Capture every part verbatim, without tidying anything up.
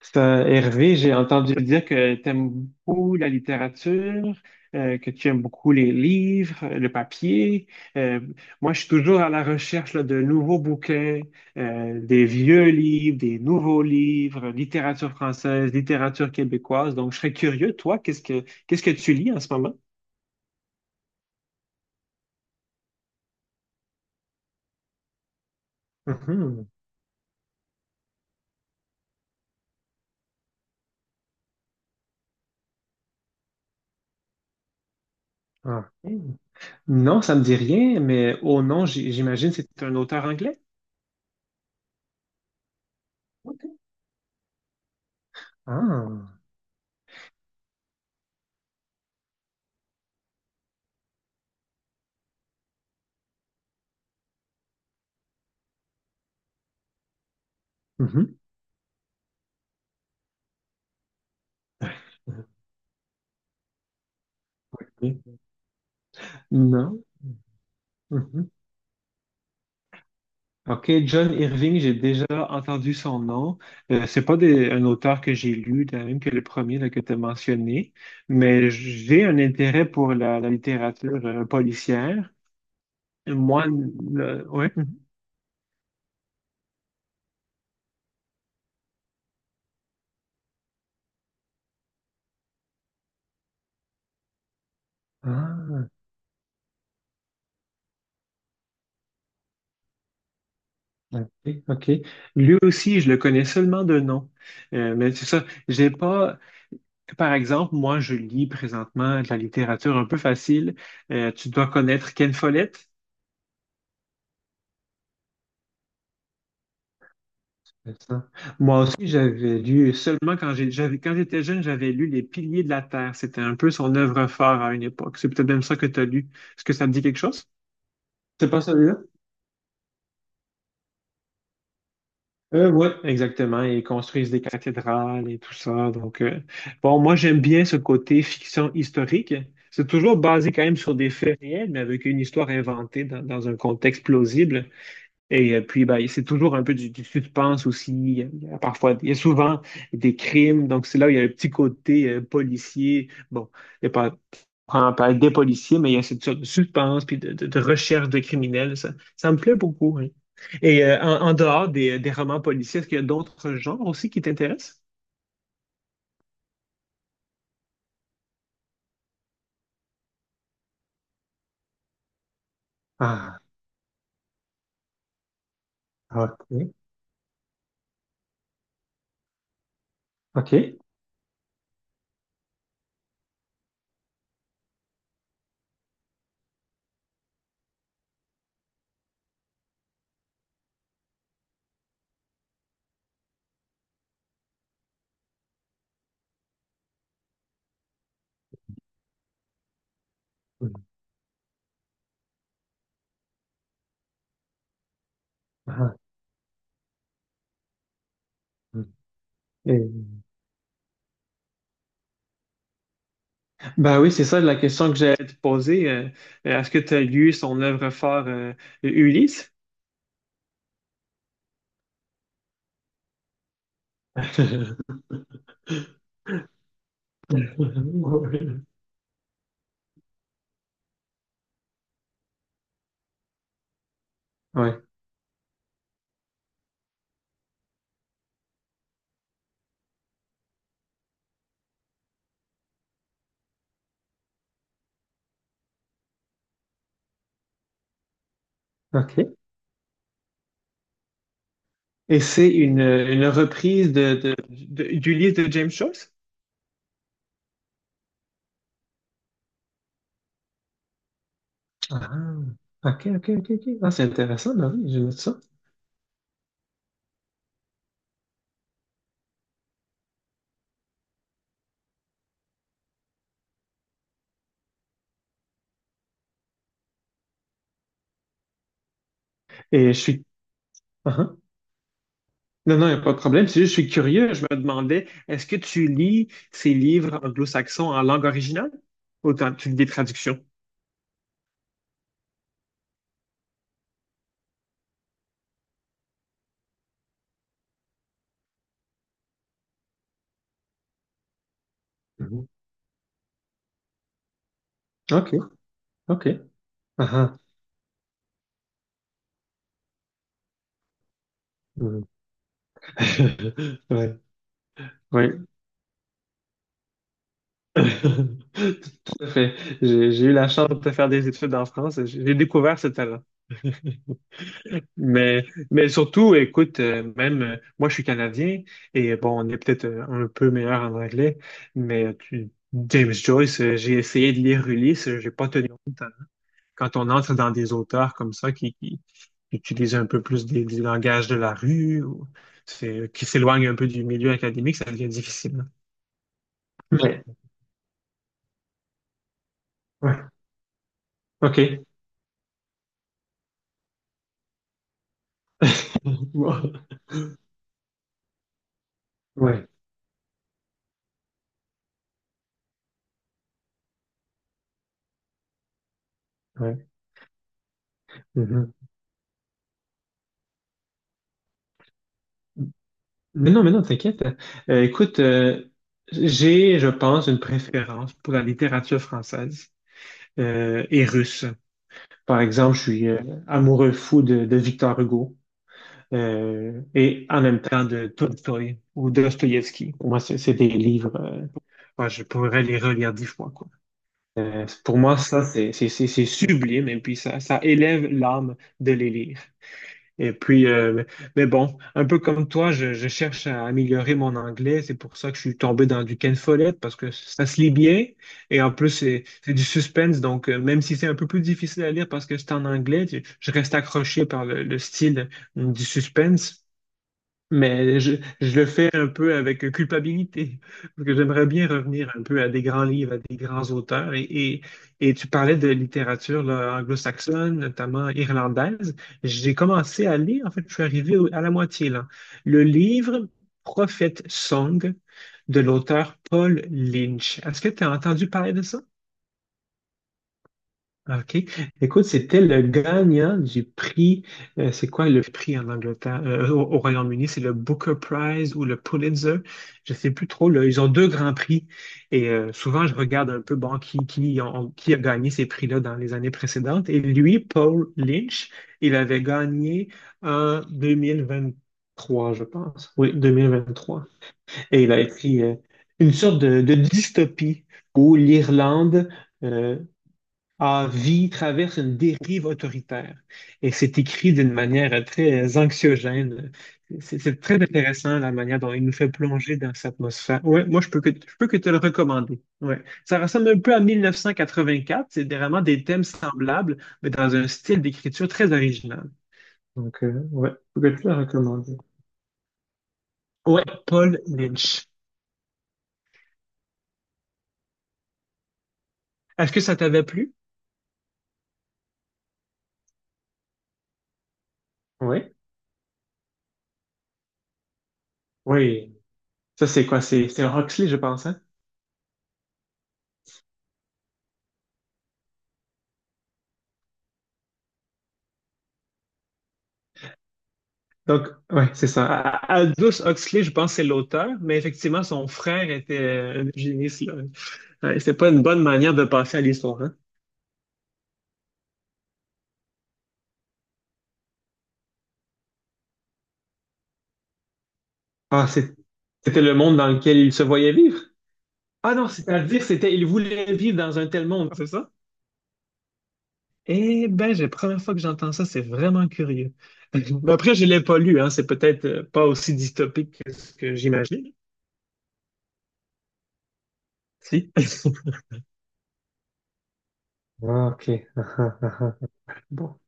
C'est un- Hervé, j'ai entendu dire que tu aimes beaucoup la littérature, euh, que tu aimes beaucoup les livres, euh, le papier. Euh, Moi, je suis toujours à la recherche là, de nouveaux bouquins, euh, des vieux livres, des nouveaux livres, littérature française, littérature québécoise. Donc, je serais curieux, toi, qu'est-ce que qu'est-ce que tu lis en ce moment? Mhm. Ah. Non, ça me dit rien, mais oh non, j- j'imagine que c'est un auteur anglais. Ah. Mhm. Non. Mhm. Ok, John Irving, j'ai déjà entendu son nom. Euh, c'est pas des- un auteur que j'ai lu, de même que le premier là, que tu as mentionné, mais j'ai un intérêt pour la, la littérature euh, policière. Moi, le- ouais. Ah, ok, ok. Lui aussi, je le connais seulement de nom. Euh, mais c'est ça, j'ai pas. Par exemple, moi, je lis présentement de la littérature un peu facile. Euh, tu dois connaître Ken Follett. C'est ça. Moi aussi, j'avais lu, seulement quand j'ai, j'avais, quand j'étais jeune, j'avais lu Les Piliers de la Terre. C'était un peu son œuvre phare à une époque. C'est peut-être même ça que tu as lu. Est-ce que ça te dit quelque chose? C'est pas celui-là? Euh, oui, exactement. Ils construisent des cathédrales et tout ça. Donc, euh, bon, moi, j'aime bien ce côté fiction historique. C'est toujours basé quand même sur des faits réels, mais avec une histoire inventée dans, dans un contexte plausible. Et euh, puis, ben, c'est toujours un peu du, du suspense aussi. Il y a, il y a parfois, il y a souvent des crimes. Donc, c'est là où il y a le petit côté euh, policier. Bon, il y a pas, on parle des policiers, mais il y a cette sorte de suspense puis de, de- de recherche de criminels. Ça, ça me plaît beaucoup, hein. Et euh, en, en dehors des, des romans policiers, est-ce qu'il y a d'autres genres aussi qui t'intéressent? Ah, ok, ok. Mm. Ah, mm. Et- Ben oui, c'est ça la question que j'allais te poser. Euh, euh, est-ce que tu as lu son œuvre phare, euh, Ulysse? Ouais, ok. Et c'est une, une reprise de, de, de- d'Ulysse de James Joyce? Ah, ok, ok, ok, ok. Ah, c'est intéressant, ben oui, je note ça. Et je suis... Ah, ah. Non, non, il n'y a pas de problème. C'est juste, je suis curieux. Je me demandais, est-ce que tu lis ces livres anglo-saxons en langue originale? Ou t'en- tu lis des traductions? Mhm. OK, OK. Ah, ah, hmm. Ouais, oui, tout à fait. J'ai j'ai eu la chance de faire des études en France, et j'ai découvert ce talent. Mais, mais surtout, écoute, euh, même euh, moi, je suis Canadien et bon, on est peut-être euh, un peu meilleur en anglais, mais tu- James Joyce, euh, j'ai essayé de lire Ulysse, euh, j'ai pas tenu. Quand on entre dans des auteurs comme ça qui, qui utilisent un peu plus des, du langage de la rue ou c'est- euh, qui s'éloignent un peu du milieu académique, ça devient difficile, hein. Mais, ouais. OK. Ouais, ouais. Mhm. Mais non, mais non, t'inquiète. Euh, écoute, euh, j'ai, je pense, une préférence pour la littérature française euh, et russe. Par exemple, je suis euh, amoureux fou de, de Victor Hugo euh, et en même temps de Tolstoï ou Dostoïevski. Pour moi, c'est c'est des livres, euh, ouais, je pourrais les relire dix fois, quoi. Euh, pour moi, ça, c'est c'est- c'est- c'est sublime et puis ça, ça élève l'âme de les lire. Et puis, euh, mais bon, un peu comme toi, je, je cherche à améliorer mon anglais. C'est pour ça que je suis tombé dans du Ken Follett parce que ça se lit bien. Et en plus, c'est c'est du suspense. Donc, euh, même si c'est un peu plus difficile à lire parce que c'est en anglais, je, je reste accroché par le, le style euh, du suspense. Mais je, je le fais un peu avec culpabilité, parce que j'aimerais bien revenir un peu à des grands livres, à des grands auteurs. Et, et, et tu parlais de littérature là, anglo-saxonne, notamment irlandaise. J'ai commencé à lire, en fait, je suis arrivé au- à la moitié là. Le livre Prophet Song de l'auteur Paul Lynch. Est-ce que tu as entendu parler de ça? OK. Écoute, c'était le gagnant du prix. Euh, c'est quoi le prix en Angleterre? Euh, au, au Royaume-Uni, c'est le Booker Prize ou le Pulitzer. Je ne sais plus trop là. Ils ont deux grands prix. Et euh, souvent, je regarde un peu bon, qui, qui, ont- qui a gagné ces prix-là dans les années précédentes. Et lui, Paul Lynch, il avait gagné en deux mille vingt-trois, je pense. Oui, deux mille vingt-trois. Et il a écrit euh, une sorte de, de dystopie où l'Irlande. euh, ah, vie traverse une dérive autoritaire. Et c'est écrit d'une manière très anxiogène. C'est c'est très intéressant la manière dont il nous fait plonger dans cette atmosphère. Ouais, moi, je peux que, je peux que te le recommander. Ouais. Ça ressemble un peu à mille neuf cent quatre-vingt-quatre. C'est vraiment des thèmes semblables, mais dans un style d'écriture très original. Donc, euh, ouais, je peux que te le recommander. Ouais, Paul Lynch. Est-ce que ça t'avait plu? Oui. Oui. Ça, c'est quoi? C'est c'est Huxley, je pense. Donc, ouais, c'est ça. A- Aldous Huxley, je pense, c'est l'auteur, mais effectivement, son frère était euh, un géniste, là. Ouais, c'est pas une bonne manière de passer à l'histoire, hein? Ah, c'est- c'était le monde dans lequel il se voyait vivre? Ah non, c'est-à-dire, c'était, il voulait vivre dans un tel monde, c'est ça? Eh ben, c'est la première fois que j'entends ça, c'est vraiment curieux. Mais après, je l'ai pas lu, hein, c'est peut-être euh, pas aussi dystopique que ce que j'imagine. Si. Ah, ok. Bon.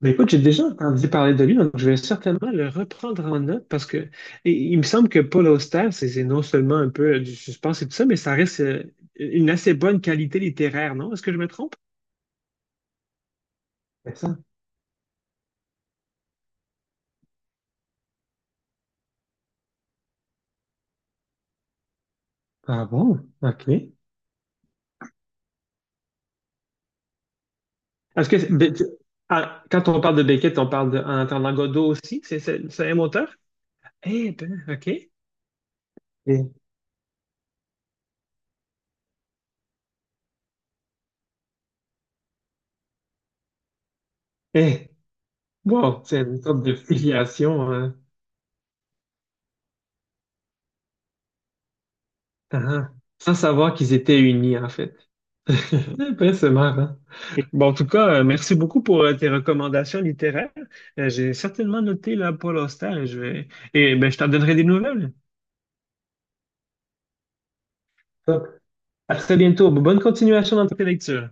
Ben, écoute, j'ai déjà entendu parler de lui, donc je vais certainement le reprendre en note parce que et il me semble que Paul Auster, c'est c'est non seulement un peu euh, du suspense et tout ça, mais ça reste euh, une assez bonne qualité littéraire, non? Est-ce que je me trompe? C'est ça. Ah bon? OK. Est-ce que c'est- ben, tu- ah, quand on parle de Beckett, on parle de En attendant Godot aussi? C'est c'est- c'est un auteur? Eh ben, OK. Eh, eh. Wow, c'est une sorte de filiation, hein. Ah, ah. Sans savoir qu'ils étaient unis, en fait. Ben, c'est marrant. Bon, en tout cas, euh, merci beaucoup pour euh, tes recommandations littéraires. Euh, j'ai certainement noté la Paul Auster et je vais et ben, je t'en donnerai des nouvelles. Top. À très bientôt. Bonne continuation dans tes lectures.